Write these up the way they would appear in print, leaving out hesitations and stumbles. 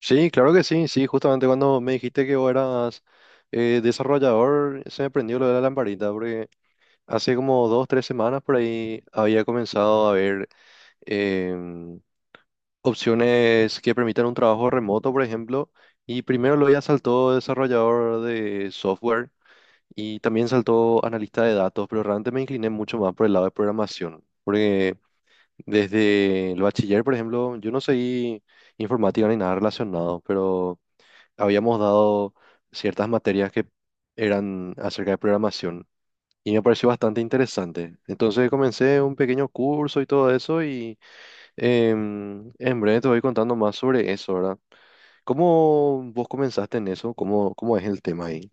Sí, claro que sí, sí, justamente cuando me dijiste que vos eras desarrollador, se me prendió lo de la lamparita, porque hace como dos, tres semanas por ahí había comenzado a ver em, opciones que permitan un trabajo remoto, por ejemplo, y primero lo ya saltó desarrollador de software y también saltó analista de datos, pero realmente me incliné mucho más por el lado de programación, porque desde el bachiller, por ejemplo, yo no seguí informática ni nada relacionado, pero habíamos dado ciertas materias que eran acerca de programación y me pareció bastante interesante. Entonces comencé un pequeño curso y todo eso y en breve te voy contando más sobre eso, ¿verdad? ¿Cómo vos comenzaste en eso? ¿Cómo, cómo es el tema ahí?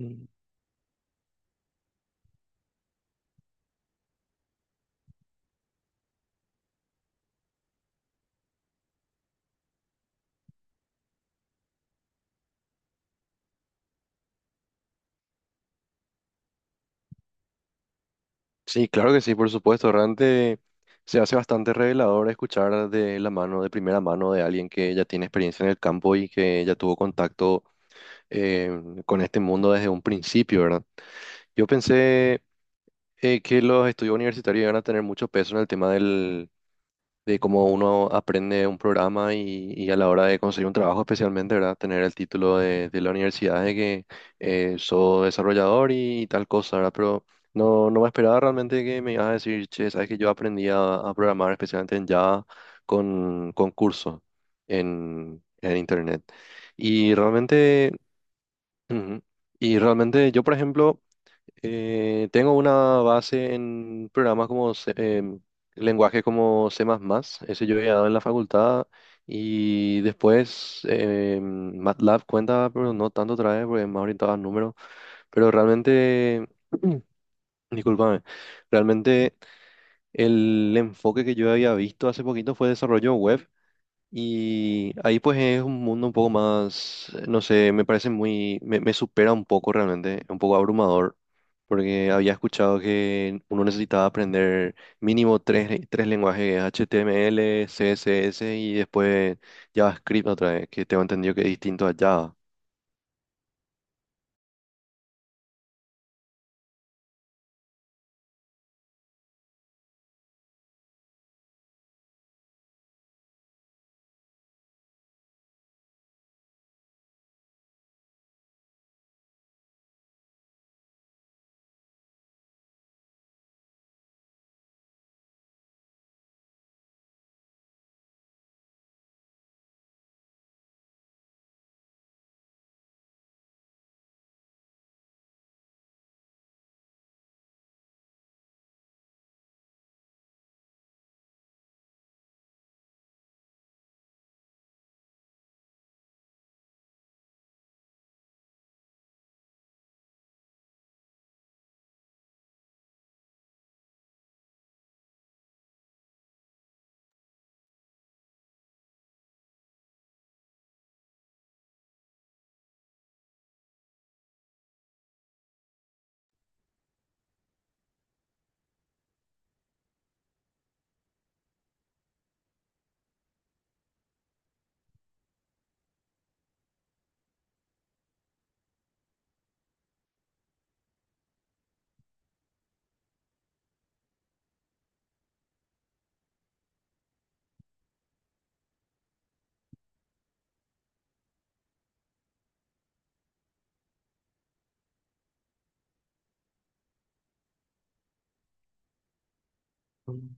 Mm. Sí, claro que sí, por supuesto. Realmente se hace bastante revelador escuchar de la mano, de primera mano, de alguien que ya tiene experiencia en el campo y que ya tuvo contacto eh, con este mundo desde un principio, ¿verdad? Yo pensé que los estudios universitarios iban a tener mucho peso en el tema del, de cómo uno aprende un programa y a la hora de conseguir un trabajo, especialmente, ¿verdad? Tener el título de la universidad de que soy desarrollador y, tal cosa, ¿verdad? Pero no, no me esperaba realmente que me ibas a decir, che, sabes que yo aprendí a programar, especialmente en Java, con cursos en Internet. Y realmente. Ujú. Y realmente yo, por ejemplo, tengo una base en programas como lenguajes como C++, ese yo he dado en la facultad y después MATLAB cuenta, pero no tanto otra vez porque más orientado a números, pero realmente, discúlpame, realmente el enfoque que yo había visto hace poquito fue desarrollo web y ahí pues es un mundo un poco más, no sé, me parece muy, me supera un poco realmente, un poco abrumador, porque había escuchado que uno necesitaba aprender mínimo tres, tres lenguajes, HTML, CSS y después JavaScript otra vez, que tengo entendido que es distinto a Java. Mm.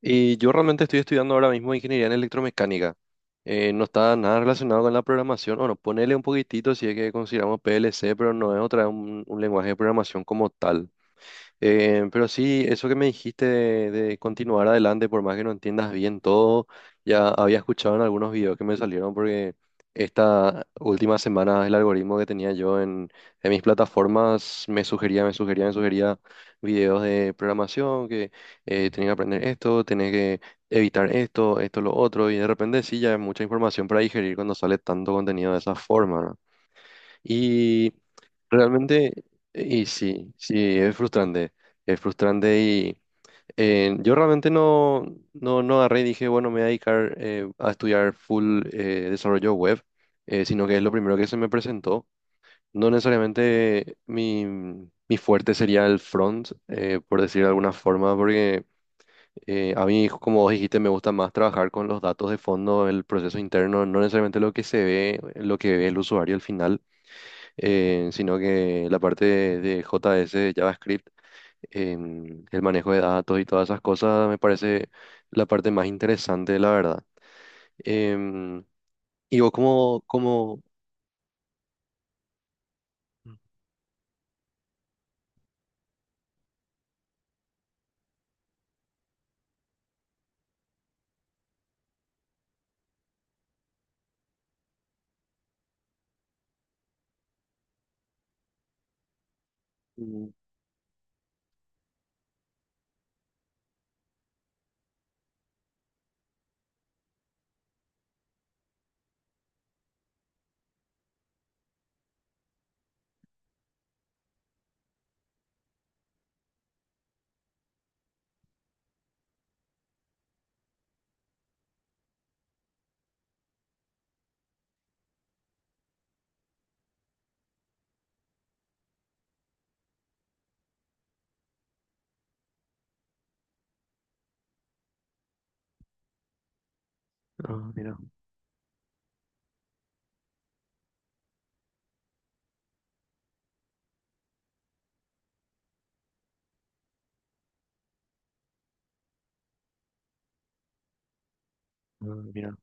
Y yo realmente estoy estudiando ahora mismo ingeniería en electromecánica. No está nada relacionado con la programación. Bueno, ponele un poquitito si es que consideramos PLC, pero no es otra un lenguaje de programación como tal. Pero sí, eso que me dijiste de continuar adelante, por más que no entiendas bien todo, ya había escuchado en algunos videos que me salieron porque esta última semana el algoritmo que tenía yo en mis plataformas me sugería, me sugería, me sugería videos de programación, que tenía que aprender esto, tenés que evitar esto, esto, lo otro, y de repente sí, ya hay mucha información para digerir cuando sale tanto contenido de esa forma, ¿no? Y realmente, y sí, sí, es frustrante y yo realmente no, no, no agarré y dije, bueno, me voy a dedicar a estudiar full desarrollo web, sino que es lo primero que se me presentó. No necesariamente mi, mi fuerte sería el front, por decir de alguna forma, porque a mí, como vos dijiste, me gusta más trabajar con los datos de fondo, el proceso interno, no necesariamente lo que se ve, lo que ve el usuario al final sino que la parte de JS, de JavaScript, el manejo de datos y todas esas cosas me parece la parte más interesante, la verdad. Em, y vos como, como, mm, ah, mira, ah, mira,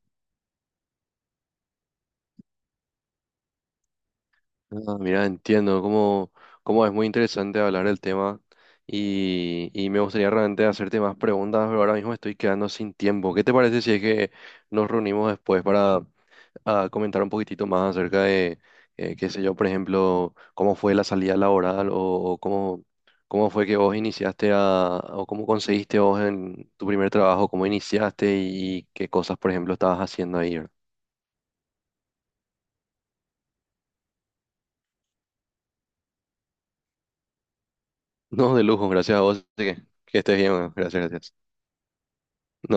ah, mira, entiendo cómo, cómo es muy interesante hablar del tema y me gustaría realmente hacerte más preguntas, pero ahora mismo estoy quedando sin tiempo. ¿Qué te parece si es que nos reunimos después para a comentar un poquitito más acerca de, qué sé yo, por ejemplo, cómo fue la salida laboral o cómo, cómo fue que vos iniciaste a, o cómo conseguiste vos en tu primer trabajo, cómo iniciaste y qué cosas, por ejemplo, estabas haciendo ahí. ¿Verdad? No, de lujo, gracias a vos, así que estés bien, bueno, gracias, gracias.